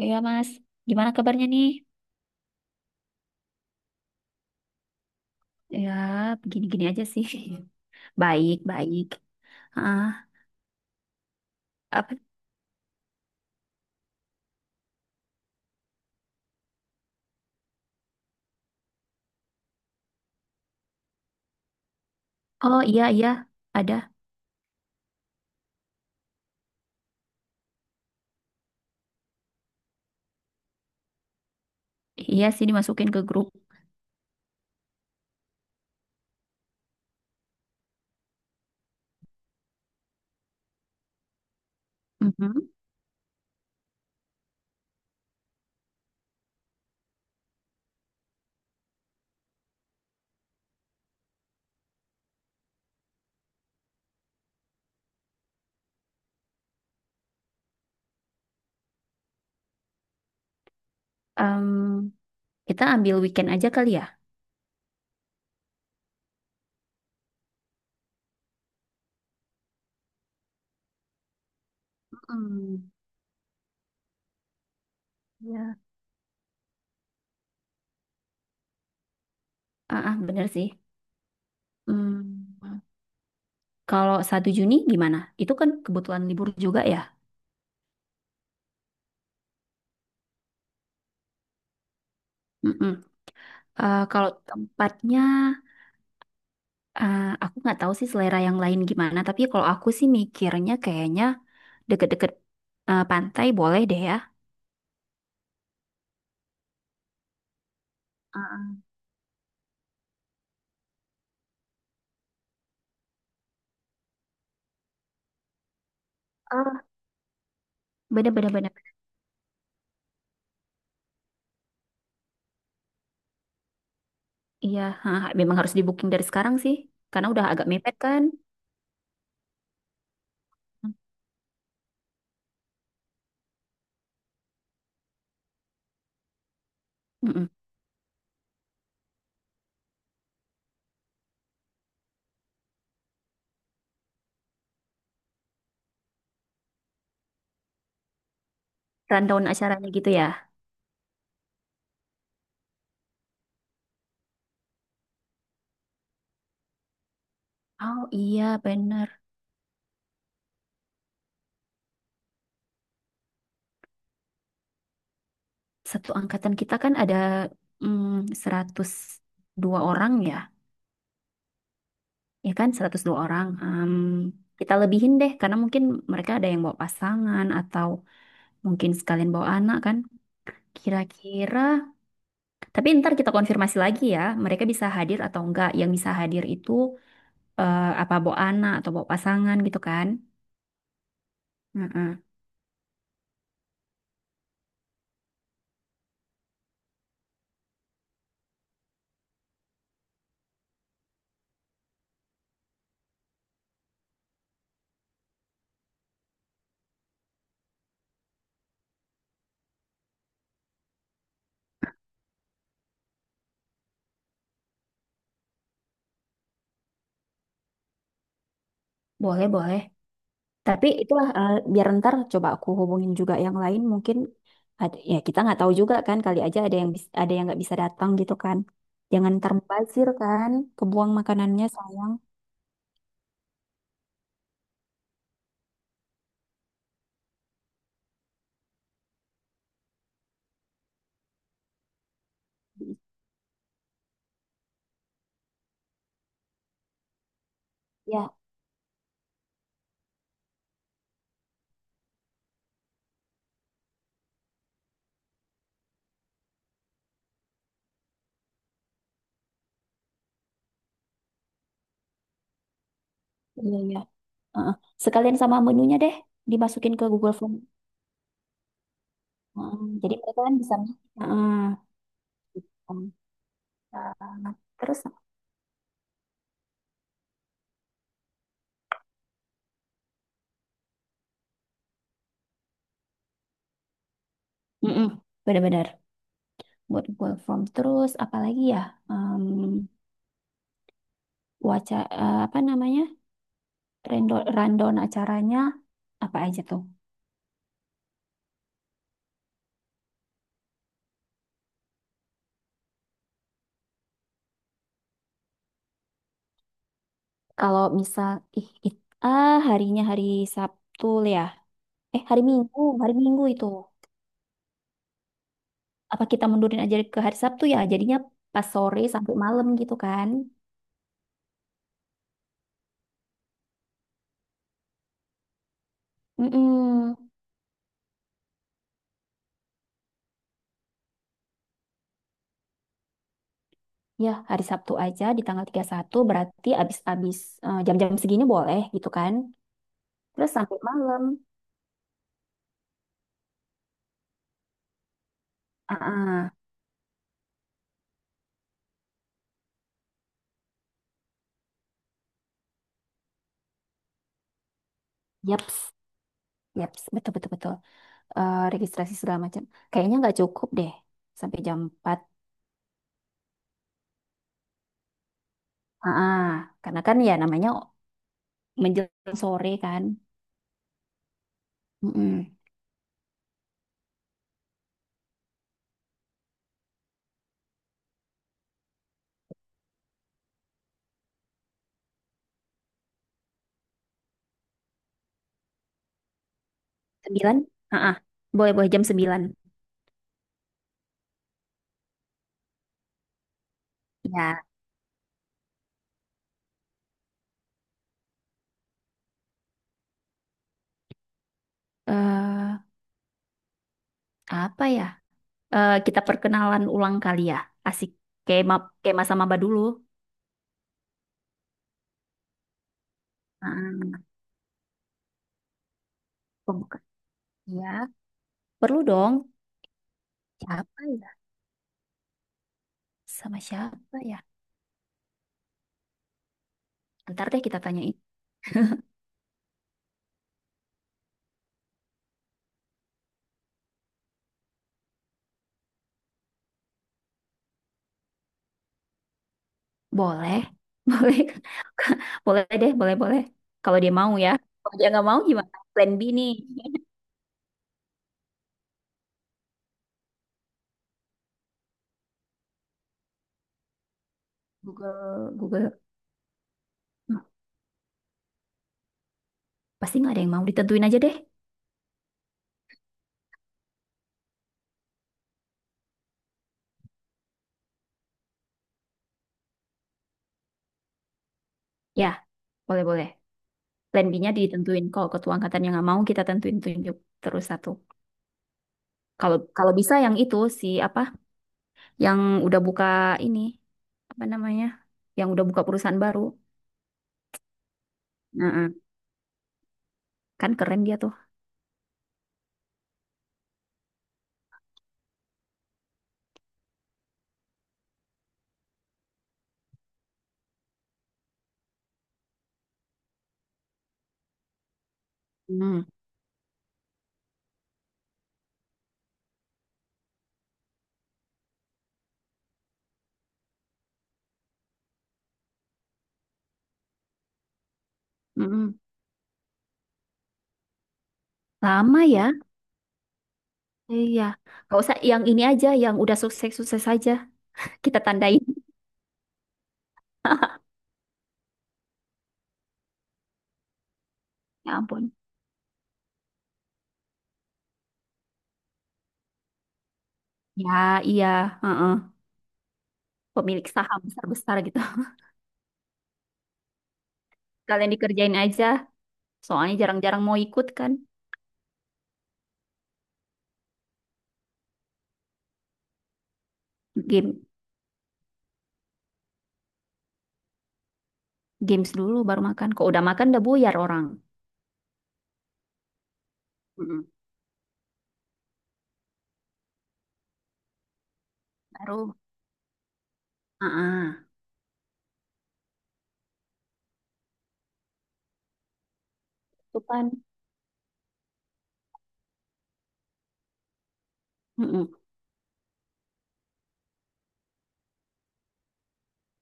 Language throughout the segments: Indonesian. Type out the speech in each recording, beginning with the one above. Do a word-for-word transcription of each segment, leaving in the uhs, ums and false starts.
Iya Mas, gimana kabarnya nih? Ya, begini-gini aja sih. Baik, baik. Ah, apa? Oh iya iya, ada. Iya sih dimasukin ke grup. Mhm. Em, kita ambil weekend aja kali ya. Hmm. Ya. Ah, ah, bener sih. Hmm, Kalau satu Juni gimana? Itu kan kebetulan libur juga ya. Mm-mm. Eh, kalau tempatnya, eh, aku nggak tahu sih selera yang lain gimana. Tapi kalau aku sih mikirnya kayaknya deket-deket eh, pantai boleh deh ya. Ah, bener-bener. Bener. Bener, bener. Iya, ha, ha, memang harus di booking dari sekarang sih, karena udah agak mepet kan. Mm-mm. Rundown acaranya gitu ya. Oh iya, bener. Satu angkatan kita kan ada mm, seratus dua orang ya, ya kan seratus dua orang. Em, kita lebihin deh, karena mungkin mereka ada yang bawa pasangan atau mungkin sekalian bawa anak kan. Kira-kira. Tapi ntar kita konfirmasi lagi ya, mereka bisa hadir atau enggak. Yang bisa hadir itu eh, apa bawa anak atau bawa pasangan gitu kan? Heeh. Boleh, boleh. Tapi itulah eh, biar ntar coba aku hubungin juga yang lain mungkin ada, ya kita nggak tahu juga kan kali aja ada yang bis- ada yang nggak bisa datang gitu kan. Jangan ntar mubazir kan, kebuang makanannya sayang. Ya, iya iya. Heeh. Sekalian sama menunya deh dimasukin ke Google Form. Heeh, jadi mereka kan bisa. Heeh. Um, terus Mm-mm, benar-benar buat work from terus apalagi ya um, waca eh, apa namanya rando rundown acaranya apa aja tuh kalau misal ih it, ah harinya hari Sabtu ya eh hari Minggu hari Minggu itu apa kita mundurin aja ke hari Sabtu ya jadinya pas sore sampai malam gitu kan. Mm-mm. Ya hari Sabtu aja di tanggal tiga puluh satu berarti abis-abis eh, jam-jam segini boleh gitu kan terus sampai malam. Ah, yaps, yaps, betul betul betul. Eh, registrasi segala macam. Kayaknya nggak cukup deh sampai jam empat. Ah, karena kan ya namanya menjelang sore kan. Mm-mm. Sembilan. Ah, boleh boleh jam sembilan. Ya. Eh, apa ya? Eh, kita perkenalan ulang kali ya. Asik. Kayak ma kayak masa maba dulu. Ah, pembuka. Ya, perlu dong. Siapa ya? Sama siapa ya? Ntar deh kita tanyain. Boleh, boleh, boleh deh, boleh, boleh. Kalau dia mau ya. Kalau dia nggak mau gimana? Plan B nih. Google, Google. Nah, pasti nggak ada yang mau ditentuin aja deh. Ya, boleh, boleh. Plan B-nya ditentuin. Kalau ketua angkatannya nggak mau, kita tentuin tunjuk terus satu. Kalau kalau bisa yang itu si apa? Yang udah buka ini apa namanya? Yang udah buka perusahaan baru. Nah, ah. kan keren dia tuh. Hmm. Mm-mm. Lama ya? Iya. Gak usah yang ini aja, yang udah sukses-sukses aja. Kita tandain. Ya ampun. Ya, iya. Heeh. Pemilik saham besar-besar gitu. Kalian dikerjain aja. Soalnya jarang-jarang mau ikut kan. Game, games dulu baru makan. Kok udah makan udah buyar orang. Mm-mm. Baru. Heeh. Itu kan. Mm-mm.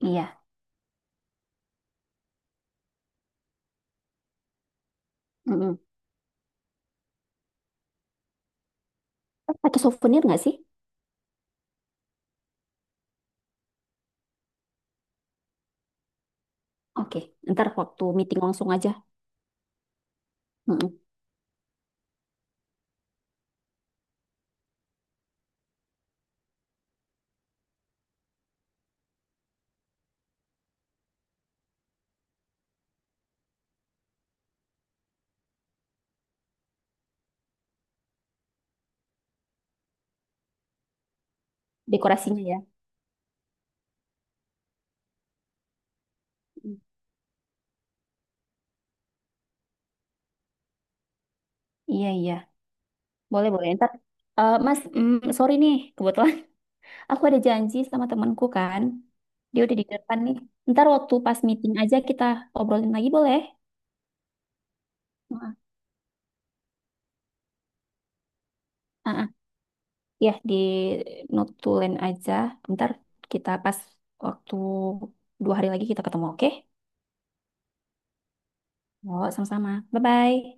Iya. Mm-mm. Eh, pakai souvenir nggak sih? Oke. Ntar waktu meeting langsung aja. Mm-mm. Dekorasinya ya. Mm. Iya, iya. Boleh, boleh. Ntar. Eh, mas, mm, sorry nih. Kebetulan Aku ada janji sama temanku kan. Dia udah di depan nih. Ntar waktu pas meeting aja kita obrolin lagi boleh? Heeh. Ah, ah. Ya, di notulen aja. Ntar kita pas waktu dua hari lagi kita ketemu, oke? Oh, sama-sama. Bye-bye.